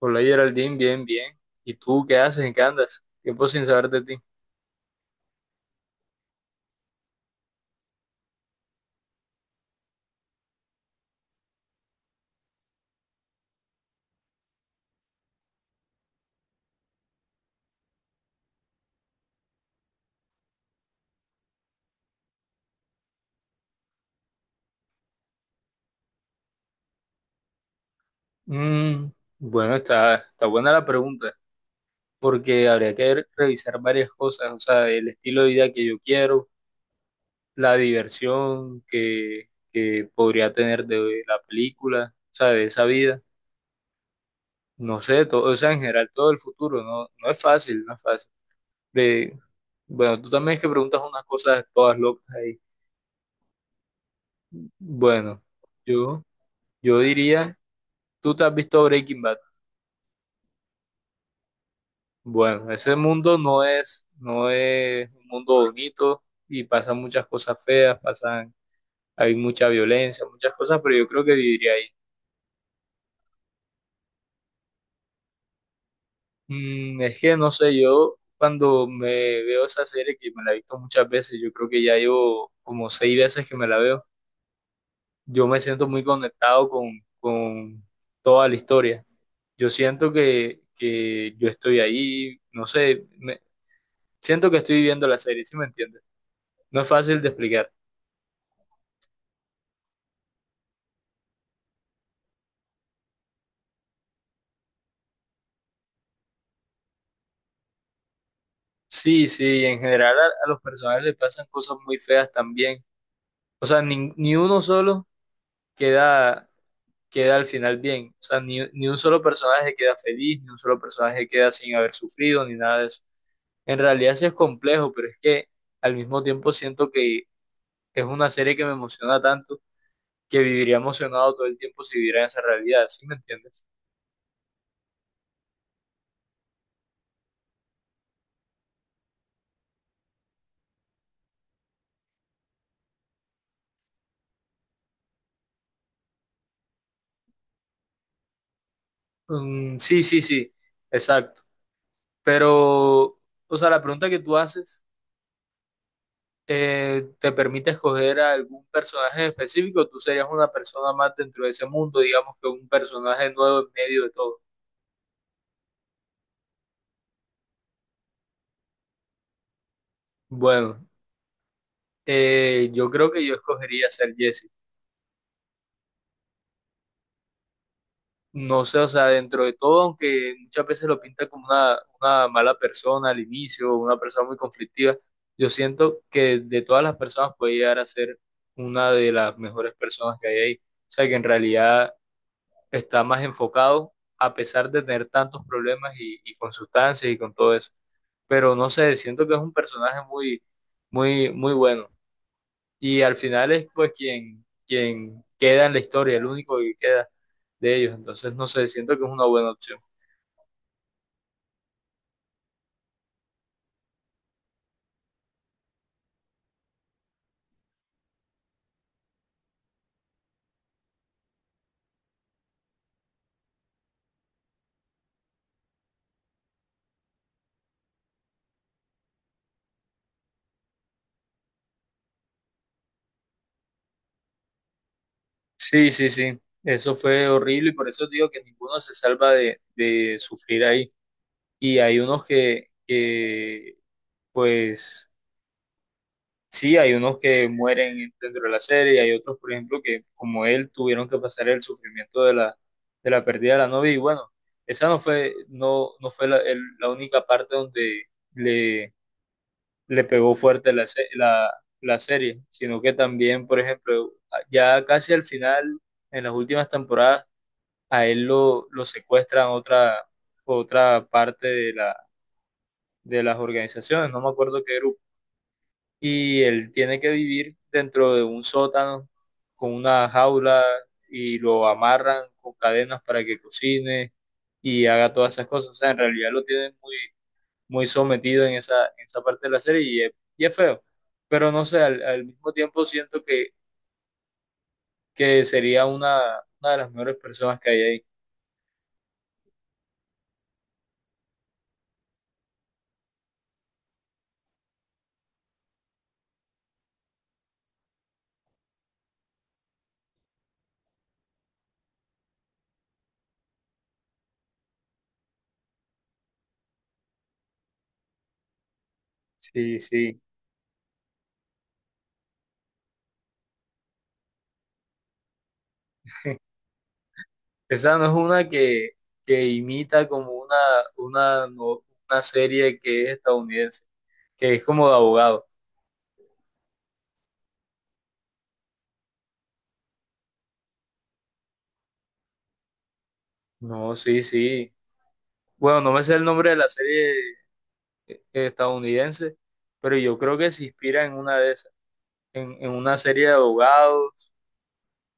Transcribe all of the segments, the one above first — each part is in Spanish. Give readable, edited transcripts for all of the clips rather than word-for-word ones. Hola Geraldine, bien, bien. ¿Y tú qué haces? ¿En qué andas? Tiempo sin saber de ti. Mm, bueno, está buena la pregunta, porque habría que revisar varias cosas, o sea, el estilo de vida que yo quiero, la diversión que podría tener de la película, o sea, de esa vida, no sé, todo, o sea, en general todo el futuro, no, no es fácil, no es fácil. De, bueno, tú también es que preguntas unas cosas todas locas ahí. Bueno, yo, yo diría, ¿tú te has visto Breaking Bad? Bueno, ese mundo no es un mundo bonito y pasan muchas cosas feas, pasan, hay mucha violencia, muchas cosas, pero yo creo que viviría ahí. Es que no sé, yo cuando me veo esa serie, que me la he visto muchas veces, yo creo que ya llevo como seis veces que me la veo, yo me siento muy conectado con toda la historia. Yo siento que yo estoy ahí, no sé, siento que estoy viviendo la serie, ¿sí me entiendes? No es fácil de explicar. Sí, sí, en general a los personajes les pasan cosas muy feas también. O sea, ni uno solo queda, queda al final bien. O sea, ni un solo personaje queda feliz, ni un solo personaje queda sin haber sufrido, ni nada de eso. En realidad sí es complejo, pero es que al mismo tiempo siento que es una serie que me emociona tanto que viviría emocionado todo el tiempo si viviera en esa realidad, ¿sí me entiendes? Mm, sí, sí, sí, exacto. Pero, o sea, la pregunta que tú haces te permite escoger a algún personaje específico, tú serías una persona más dentro de ese mundo, digamos que un personaje nuevo en medio de todo. Bueno, yo creo que yo escogería ser Jesse. No sé, o sea, dentro de todo, aunque muchas veces lo pinta como una mala persona al inicio, una persona muy conflictiva, yo siento que de todas las personas puede llegar a ser una de las mejores personas que hay ahí. O sea, que en realidad está más enfocado a pesar de tener tantos problemas y con sustancias y con todo eso. Pero no sé, siento que es un personaje muy, muy, muy bueno. Y al final es pues quien queda en la historia, el único que queda de ellos. Entonces, no sé, siento que es una buena opción. Sí, sí, sí. Eso fue horrible y por eso digo que ninguno se salva de sufrir ahí. Y hay unos que pues, sí, hay unos que mueren dentro de la serie, y hay otros, por ejemplo, que como él tuvieron que pasar el sufrimiento de la pérdida de la novia. Y bueno, esa no fue la única parte donde le, le pegó fuerte la serie, sino que también, por ejemplo, ya casi al final, en las últimas temporadas, a él lo secuestran otra parte de las organizaciones. No me acuerdo qué grupo y él tiene que vivir dentro de un sótano con una jaula y lo amarran con cadenas para que cocine y haga todas esas cosas. O sea, en realidad lo tienen muy, muy sometido en esa parte de la serie y es feo. Pero no sé, al mismo tiempo siento que sería una de las mejores personas que hay ahí. Sí, sí. Esa no es una que imita como una, no- una serie que es estadounidense, que es como de abogado. No, sí, sí. Bueno, no me sé el nombre de la serie estadounidense, pero yo creo que se inspira en una de esas, en una serie de abogados.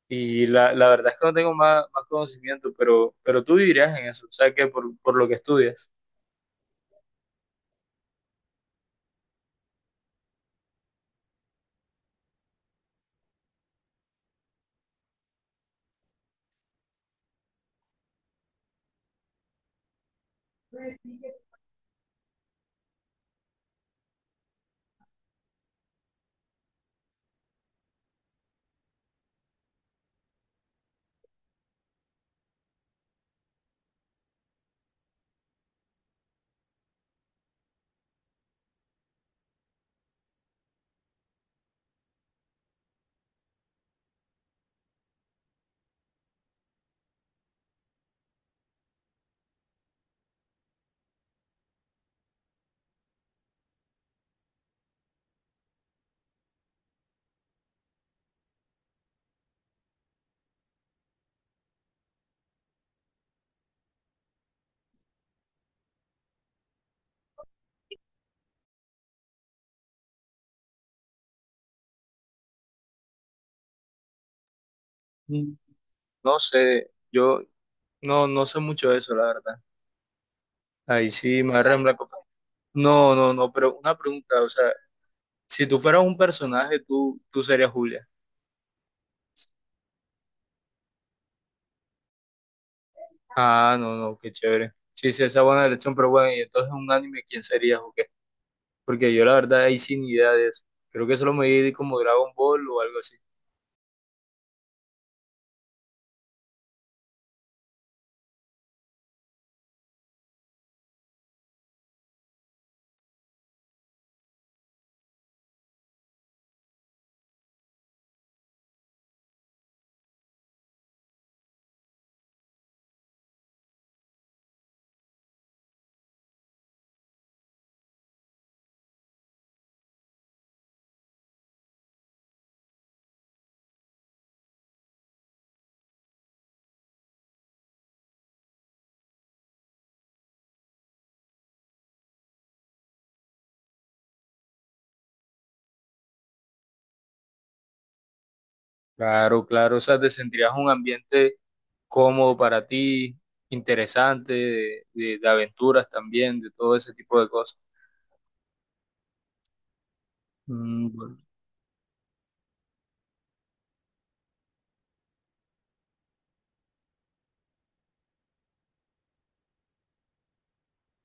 Y la verdad es que no tengo más conocimiento, pero tú vivirías en eso, o sea que por lo que estudias. Mm. No sé, yo no, no sé mucho de eso, la verdad. Ahí sí me agarra en blanco. No, no, no, pero una pregunta, o sea, si tú fueras un personaje, tú serías Julia. Ah, no, no, qué chévere. Sí, sí, esa es buena elección, pero bueno, y entonces un anime, ¿quién sería o qué? Porque yo la verdad ahí sin idea de eso. Creo que solo me vi como Dragon Ball o algo así. Claro, claro, o sea, te sentirías un ambiente cómodo para ti, interesante, de aventuras también, de todo ese tipo de cosas. Mm, bueno.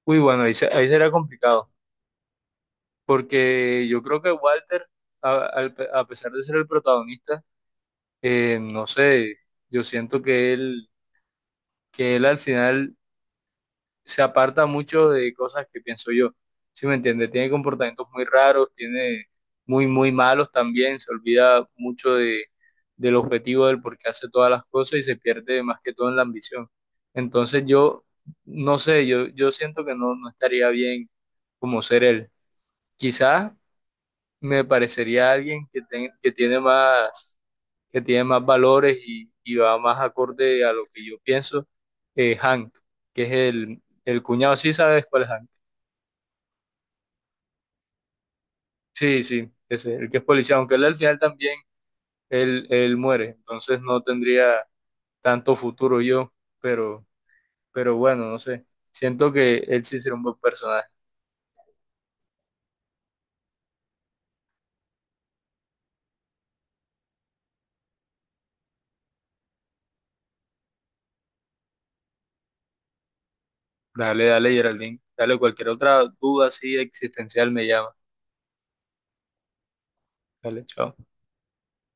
Uy, bueno, ahí, ahí será complicado, porque yo creo que Walter, a pesar de ser el protagonista, no sé, yo siento que él al final se aparta mucho de cosas que pienso yo. ¿Sí me entiende? Tiene comportamientos muy raros, tiene muy, muy malos también, se olvida mucho del objetivo del por qué hace todas las cosas y se pierde más que todo en la ambición. Entonces yo, no sé, yo siento que no, no estaría bien como ser él. Quizás me parecería alguien que tiene más valores y va más acorde a lo que yo pienso, Hank, que es el cuñado, ¿sí sabes cuál es Hank? Sí, sí, ese, el que es policía, aunque él al final también, él muere, entonces no tendría tanto futuro yo, pero, pero bueno, no sé, siento que él sí será un buen personaje. Dale, dale, Geraldine, dale cualquier otra duda así existencial me llama. Dale, chao.